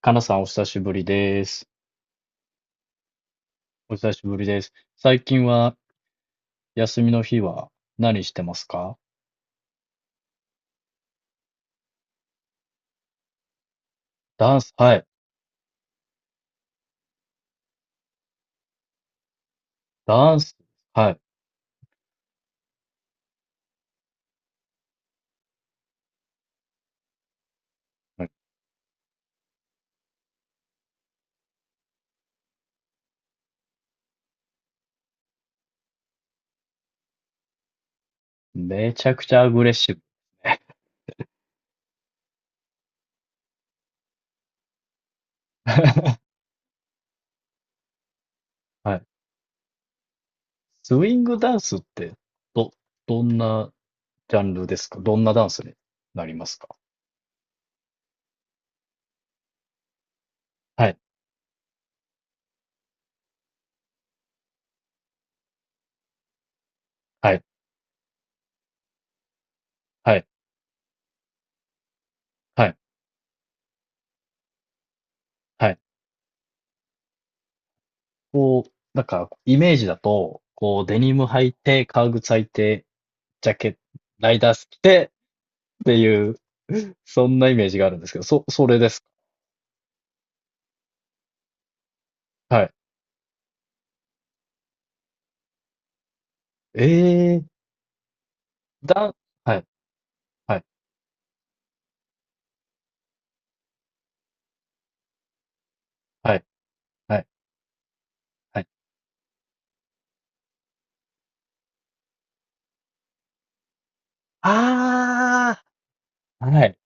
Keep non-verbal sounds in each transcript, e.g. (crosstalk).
かなさんお久しぶりです。お久しぶりです。最近は休みの日は何してますか？ダンス、はい。ダンス、はい。めちゃくちゃアグレッシブ。(laughs) はい。スイングダンスって、ど、どんなジャンルですか？どんなダンスになりますか？はい。はい。はい。はい。はい。こう、なんか、イメージだと、こう、デニム履いて、革靴履いて、ジャケット、ライダース着て、ていう、そんなイメージがあるんですけど、それですか。はい。ええ、だ、はい、はい、はい、はい、はい。ああ、はい。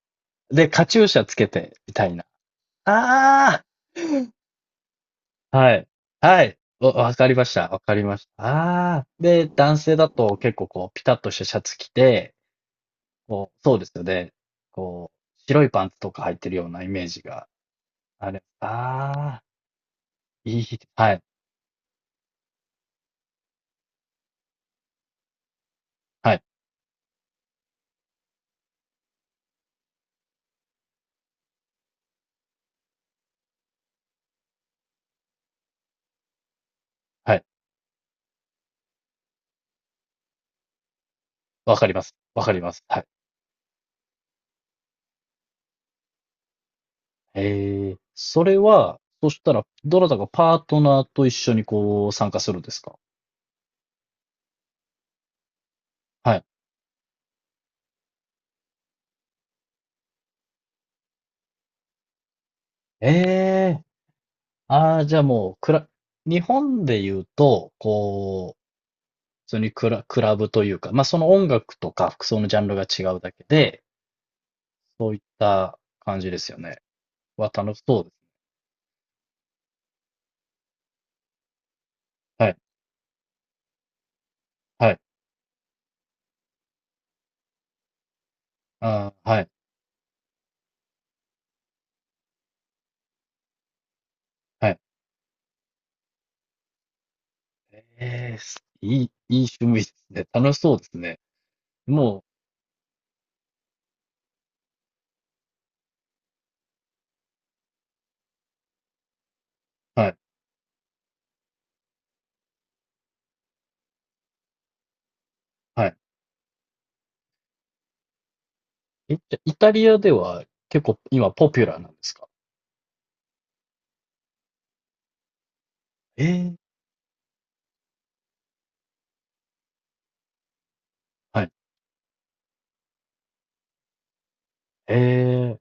で、カチューシャつけて、みたいな。ああ、はい、はい。お、わかりました。わかりました。ああ。で、男性だと結構こう、ピタッとしたシャツ着て、こう、そうですよね。こう、白いパンツとか履いてるようなイメージがあれ。ああ、いい。はい、はい、はい。わかります。わかります。はい。ええ、それは、そしたら、どなたかパートナーと一緒にこう参加するんですか？はい。ええ、ああ、じゃあもう、日本で言うと、こう、普通にクラブというか、まあその音楽とか服装のジャンルが違うだけで、そういった感じですよね。は楽しそうです。はい、はい、ああ、はい、はい。ええ、すいい、いい趣味ですね。楽しそうですね。もう、はい、はい。え、じゃあイタリアでは結構今ポピュラーなんですか？ええ、はい。ええ、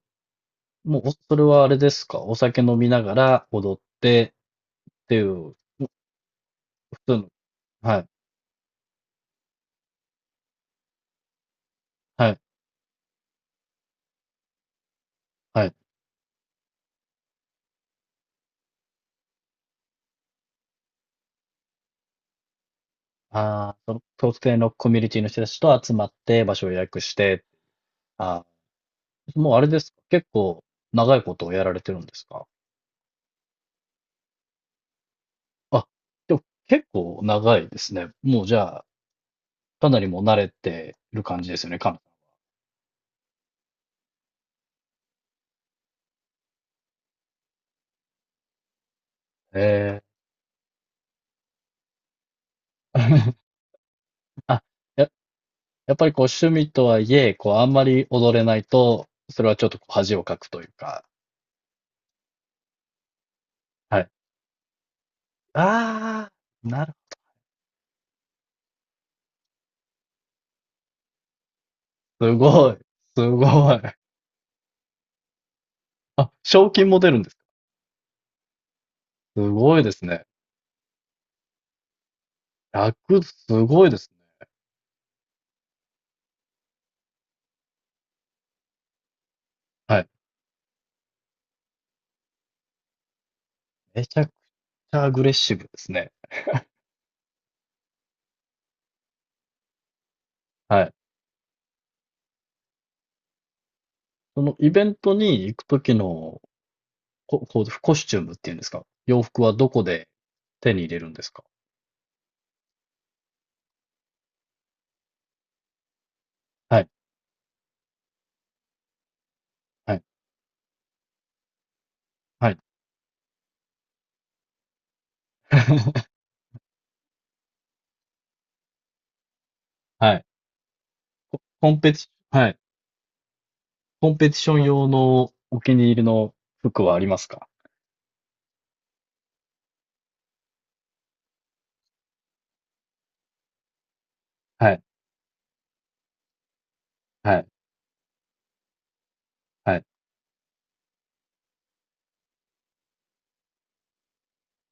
もう、お、それはあれですか？お酒飲みながら踊ってっていう、普通の、はい、はい、はい。ああ、その特定のコミュニティの人たちと集まって場所を予約して、ああ、もうあれですか？結構長いことをやられてるんですか？あ、でも結構長いですね。もうじゃあ、かなりもう慣れてる感じですよね、かな。ええ。(laughs) あ、やっぱりこう趣味とはいえ、こうあんまり踊れないと、それはちょっとこう恥をかくというか、はい。ああ、なるほど。すごい。あ、賞金も出るんですか？すごいですね。すごいですね。はい。めちゃくちゃアグレッシブですね。はい。そのイベントに行くときのこう、コスチュームっていうんですか？洋服はどこで手に入れるんですか？はい、はい、はい。(laughs) はい。(laughs) コンペティ、はい。コンペティション用のお気に入りの服はありますか？はい、はい、はい、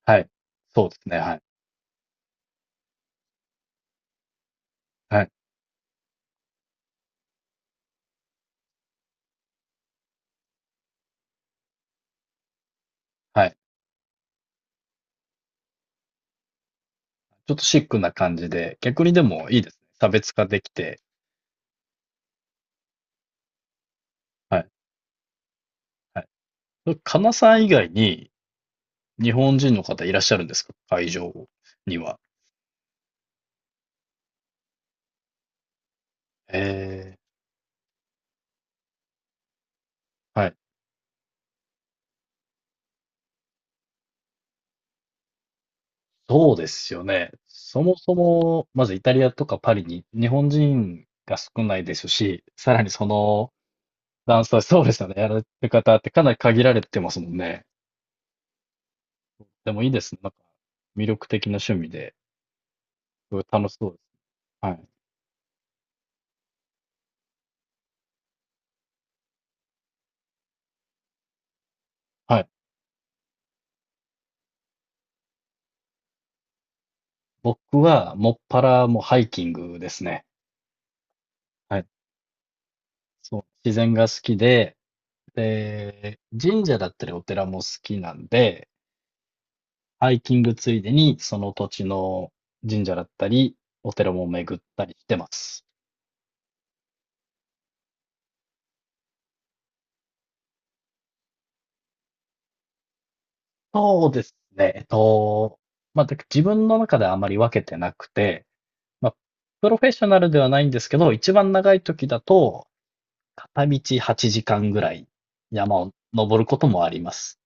はい。そうですね、はい、はい、はい。ちょっとシックな感じで、逆にでもいいですね。差別化できて、はい、はい。そ、カナさん以外に日本人の方いらっしゃるんですか？会場には。ええ、はい。そうですよね。そもそも、まずイタリアとかパリに日本人が少ないですし、さらにそのダンスはそうですよね。やられてる方ってかなり限られてますもんね。でもいいですね。なんか、魅力的な趣味で、すごい楽しそうです。はい。はい。僕は、もっぱらもうハイキングですね。はい。そう。自然が好きで、で、神社だったりお寺も好きなんで、ハイキングついでに、その土地の神社だったり、お寺も巡ったりしてます。そうですね。まあ、だ自分の中ではあまり分けてなくて、まあ、プロフェッショナルではないんですけど、一番長い時だと、片道8時間ぐらい山を登ることもあります。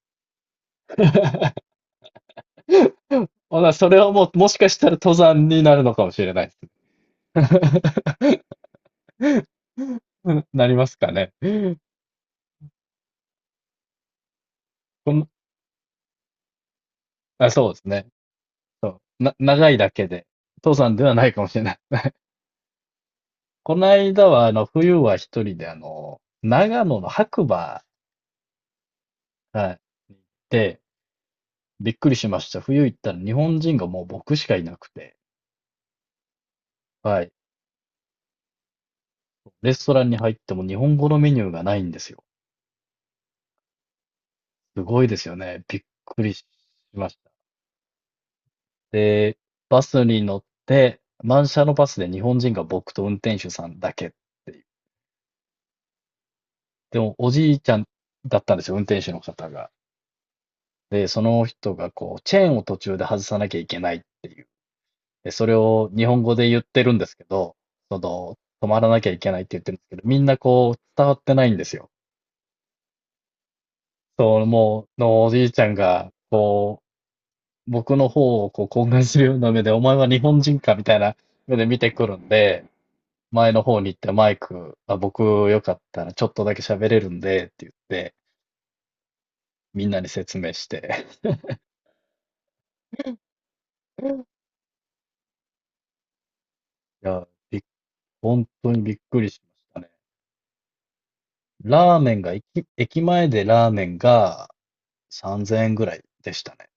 (laughs) ほな、それはもう、もしかしたら登山になるのかもしれないです。(laughs) なりますかね。この、あ、そうですね。そうな、長いだけで、登山ではないかもしれない。(laughs) この間は、冬は一人で、長野の白馬、はい、行って、びっくりしました。冬行ったら日本人がもう僕しかいなくて、はい。レストランに入っても日本語のメニューがないんですよ。すごいですよね。びっくりしました。で、バスに乗って、満車のバスで日本人が僕と運転手さんだけっていう。でも、おじいちゃんだったんですよ、運転手の方が。で、その人がこう、チェーンを途中で外さなきゃいけないっていう。で、それを日本語で言ってるんですけど、その、止まらなきゃいけないって言ってるんですけど、みんなこう、伝わってないんですよ。そう、もう、のおじいちゃんが、こう、僕の方をこう、懇願するような目で、お前は日本人かみたいな (laughs) 目で見てくるんで、前の方に行ってマイク、あ、僕よかったらちょっとだけ喋れるんで、って言って、みんなに説明して。いや、びっ本当にびっくりしましたね。ラーメンが、駅、駅前でラーメンが3000円ぐらいでしたね。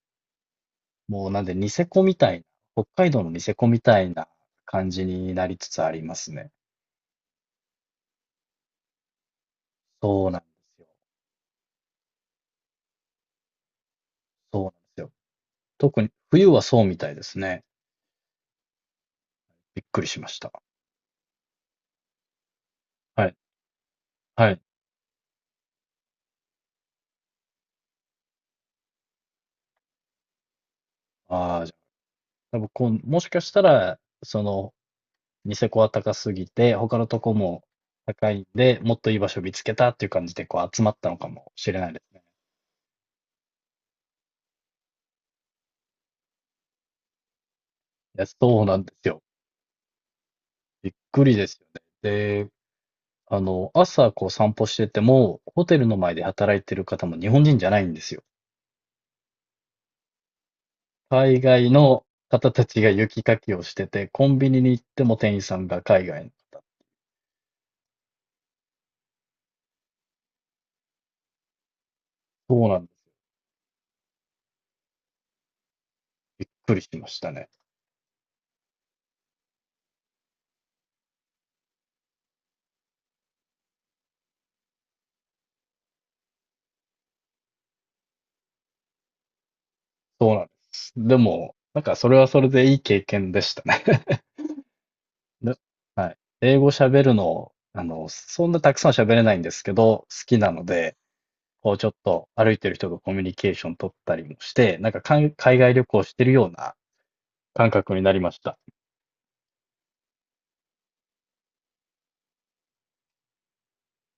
もうなんでニセコみたいな、北海道のニセコみたいな感じになりつつありますね。そうなんですよ。そうなんですよ。冬はそうみたいですね。びっくりしました。はい。はい。ああ、じゃあ、僕、こうもしかしたら、その、ニセコは高すぎて、他のとこも高いんで、もっといい場所見つけたっていう感じで、こう、集まったのかもしれないですね。いや、そうなんですよ。びっくりですよね。で、あの、朝、こう、散歩してても、ホテルの前で働いてる方も日本人じゃないんですよ。海外の方たちが雪かきをしてて、コンビニに行っても店員さんが海外の方。そうなんです。びっくりしましたね。そうなんです。でも、なんかそれはそれでいい経験でしたね。(laughs) で、はい。英語喋るの、あの、そんなたくさん喋れないんですけど、好きなので、こうちょっと歩いてる人とコミュニケーション取ったりもして、なんかかん海外旅行してるような感覚になりました。